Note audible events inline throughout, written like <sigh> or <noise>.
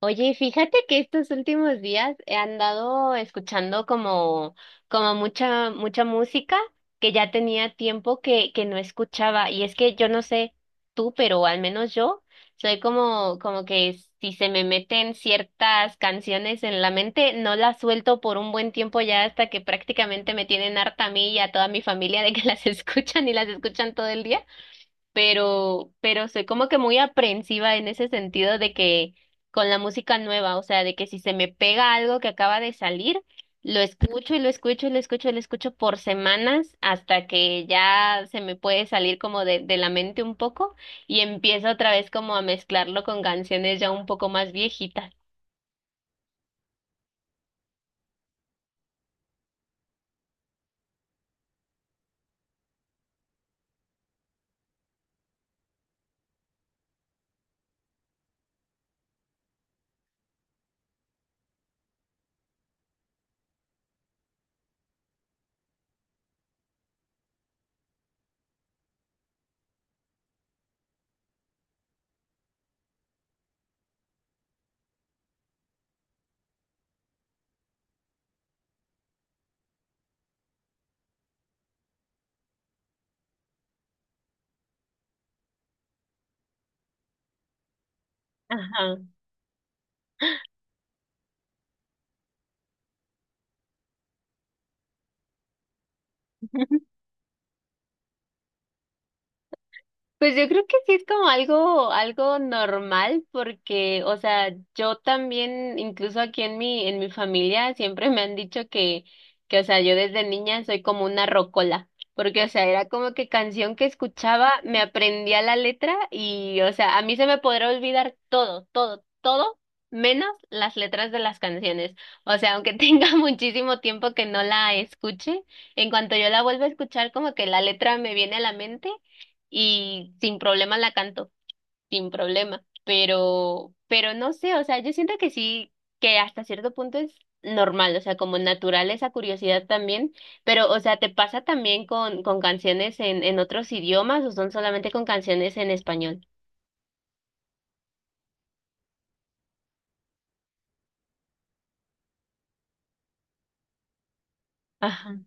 Oye, fíjate que estos últimos días he andado escuchando como mucha música que ya tenía tiempo que no escuchaba. Y es que yo no sé tú, pero al menos yo soy como que si se me meten ciertas canciones en la mente, no las suelto por un buen tiempo ya hasta que prácticamente me tienen harta a mí y a toda mi familia de que <laughs> las escuchan y las escuchan todo el día pero soy como que muy aprensiva en ese sentido de que con la música nueva, o sea, de que si se me pega algo que acaba de salir, lo escucho y lo escucho y lo escucho y lo escucho por semanas hasta que ya se me puede salir como de la mente un poco y empiezo otra vez como a mezclarlo con canciones ya un poco más viejitas. Ajá. Pues yo creo que sí es como algo normal porque, o sea, yo también, incluso aquí en en mi familia, siempre me han dicho que, o sea, yo desde niña soy como una rocola, porque, o sea, era como que canción que escuchaba, me aprendía la letra y, o sea, a mí se me podrá olvidar todo, todo, todo, menos las letras de las canciones. O sea, aunque <laughs> tenga muchísimo tiempo que no la escuche, en cuanto yo la vuelva a escuchar, como que la letra me viene a la mente y sin problema la canto, sin problema, pero no sé, o sea, yo siento que sí, que hasta cierto punto es normal, o sea, como natural esa curiosidad también, pero, o sea, ¿te pasa también con canciones en otros idiomas o son solamente con canciones en español? Ajá.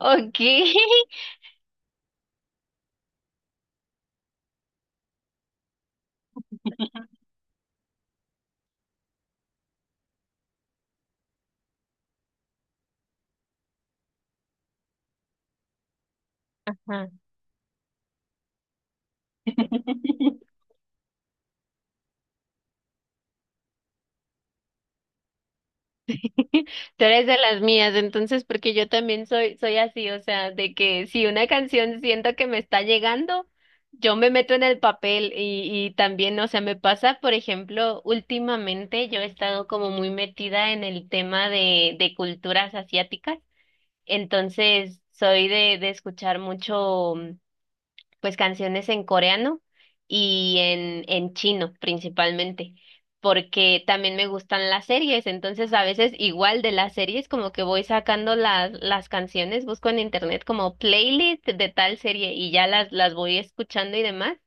Ok. <laughs> Ajá. <laughs> <laughs> Tú eres de las mías, entonces, porque yo también soy así, o sea, de que si una canción siento que me está llegando, yo me meto en el papel y también, o sea, me pasa, por ejemplo, últimamente yo he estado como muy metida en el tema de culturas asiáticas, entonces soy de escuchar mucho pues canciones en coreano y en chino principalmente, porque también me gustan las series, entonces a veces igual de las series como que voy sacando las canciones, busco en internet como playlist de tal serie y ya las voy escuchando y demás.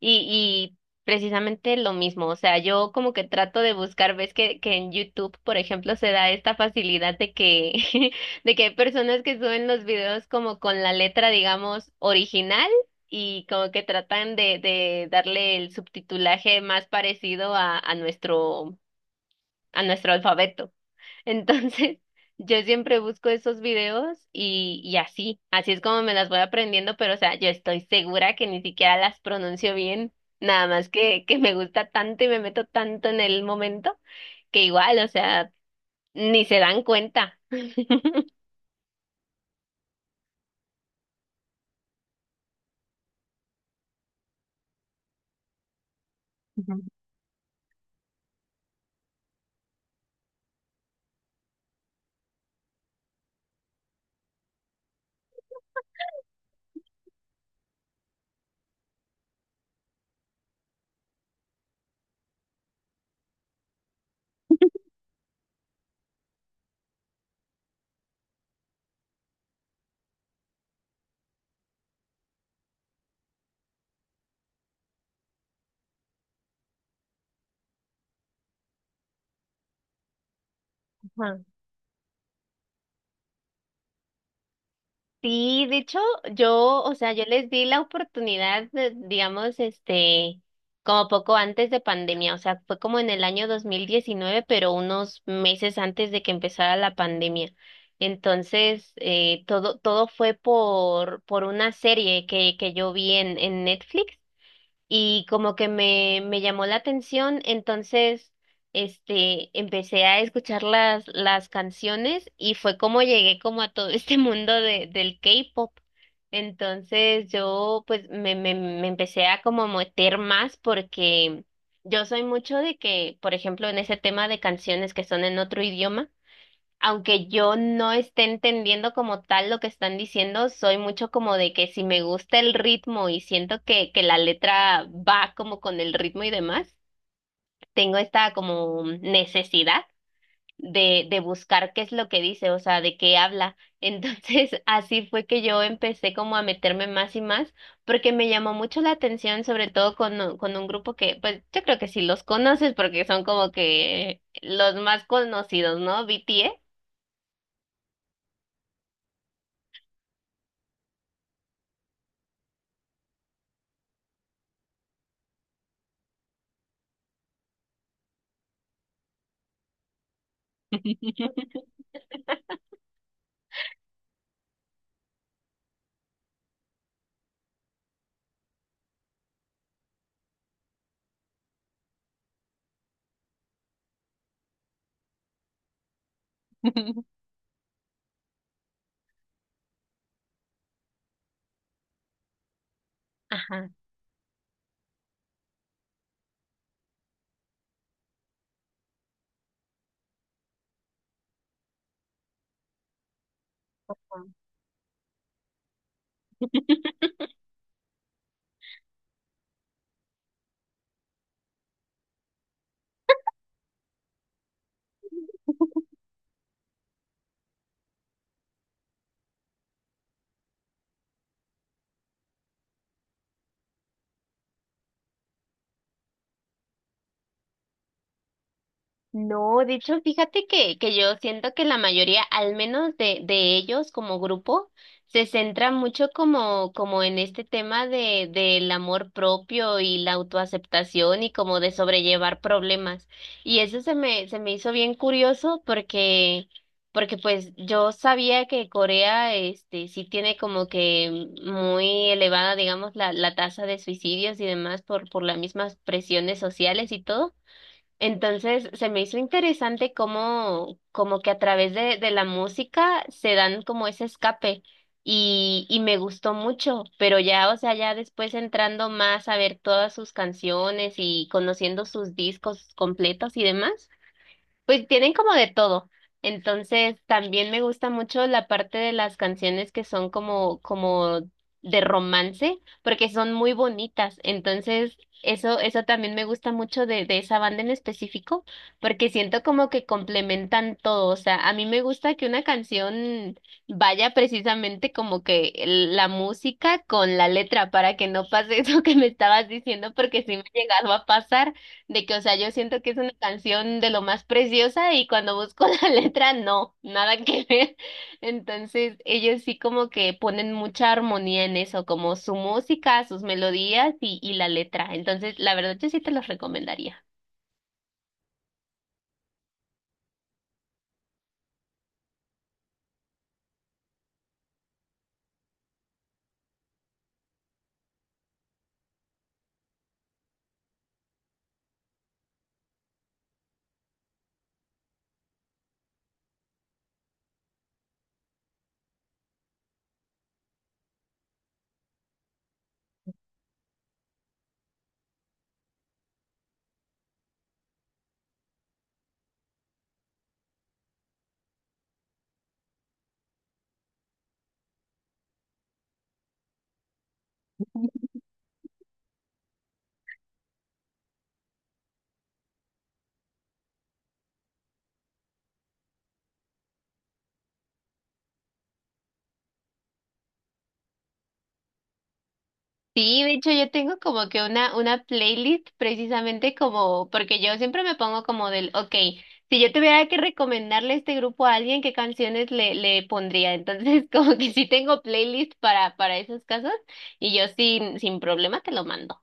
Y precisamente lo mismo, o sea, yo como que trato de buscar, ves que en YouTube, por ejemplo, se da esta facilidad de que, <laughs> de que hay personas que suben los videos como con la letra, digamos, original y como que tratan de darle el subtitulaje más parecido a nuestro alfabeto. Entonces, <laughs> yo siempre busco esos videos y así, así es como me las voy aprendiendo, pero o sea, yo estoy segura que ni siquiera las pronuncio bien, nada más que me gusta tanto y me meto tanto en el momento que igual, o sea, ni se dan cuenta. Ujú. Sí, de hecho, yo, o sea, yo les di la oportunidad, de, digamos, este, como poco antes de pandemia, o sea, fue como en el año 2019, pero unos meses antes de que empezara la pandemia. Entonces, todo fue por una serie que yo vi en Netflix y como que me llamó la atención, entonces este empecé a escuchar las canciones y fue como llegué como a todo <laughs> este mundo de, del K-pop. Entonces yo pues me empecé a como meter más porque yo soy mucho de que, por ejemplo, en ese tema de canciones que son en otro idioma, aunque yo no esté entendiendo como tal lo que están diciendo, soy mucho como de que si me gusta el ritmo y siento que la letra va como con el ritmo y demás, tengo esta como necesidad de buscar qué es lo que dice, o sea, de qué habla. Entonces, <laughs> así fue que yo empecé como a meterme más y más, porque me llamó mucho la atención, sobre todo con un grupo que, pues, yo creo que sí los conoces, porque son como que los más conocidos, ¿no? BTS. <laughs> Ajá. <laughs> No, de hecho, fíjate que yo siento que la mayoría, al menos de ellos como grupo, se centra mucho como, como en este tema de, del amor propio y la autoaceptación y como de sobrellevar problemas. Y eso se me hizo bien curioso porque, porque pues yo sabía que Corea, este, sí tiene como que muy elevada, digamos, la tasa de suicidios y demás por las mismas presiones sociales y todo. Entonces, se me hizo interesante cómo, como que a través de la música se dan como ese escape y me gustó mucho, pero ya, o sea, ya después entrando más a ver todas sus canciones y conociendo sus discos completos y demás. Pues tienen como de todo. Entonces, también me gusta mucho la parte de las canciones que son como, como de romance, porque son muy bonitas. Entonces, eso también me gusta mucho de esa banda en específico, porque siento como que complementan todo. O sea, a mí me gusta que una canción vaya precisamente como que la música con la letra, para que no pase <laughs> eso que me estabas diciendo, porque sí me ha llegado a pasar de que, o sea, yo siento que es una canción de lo más preciosa y cuando busco <laughs> la letra, no, nada que ver. Entonces, ellos sí como que ponen mucha armonía en eso, como su música, sus melodías y la letra. Entonces, la verdad, yo sí te los recomendaría. Sí, de hecho yo tengo como que una playlist precisamente como, porque yo siempre me pongo como del, ok, si yo tuviera que recomendarle este grupo a alguien, ¿qué canciones le pondría? Entonces <laughs> como que sí tengo playlist para esos casos y yo sin, sin problema te lo mando.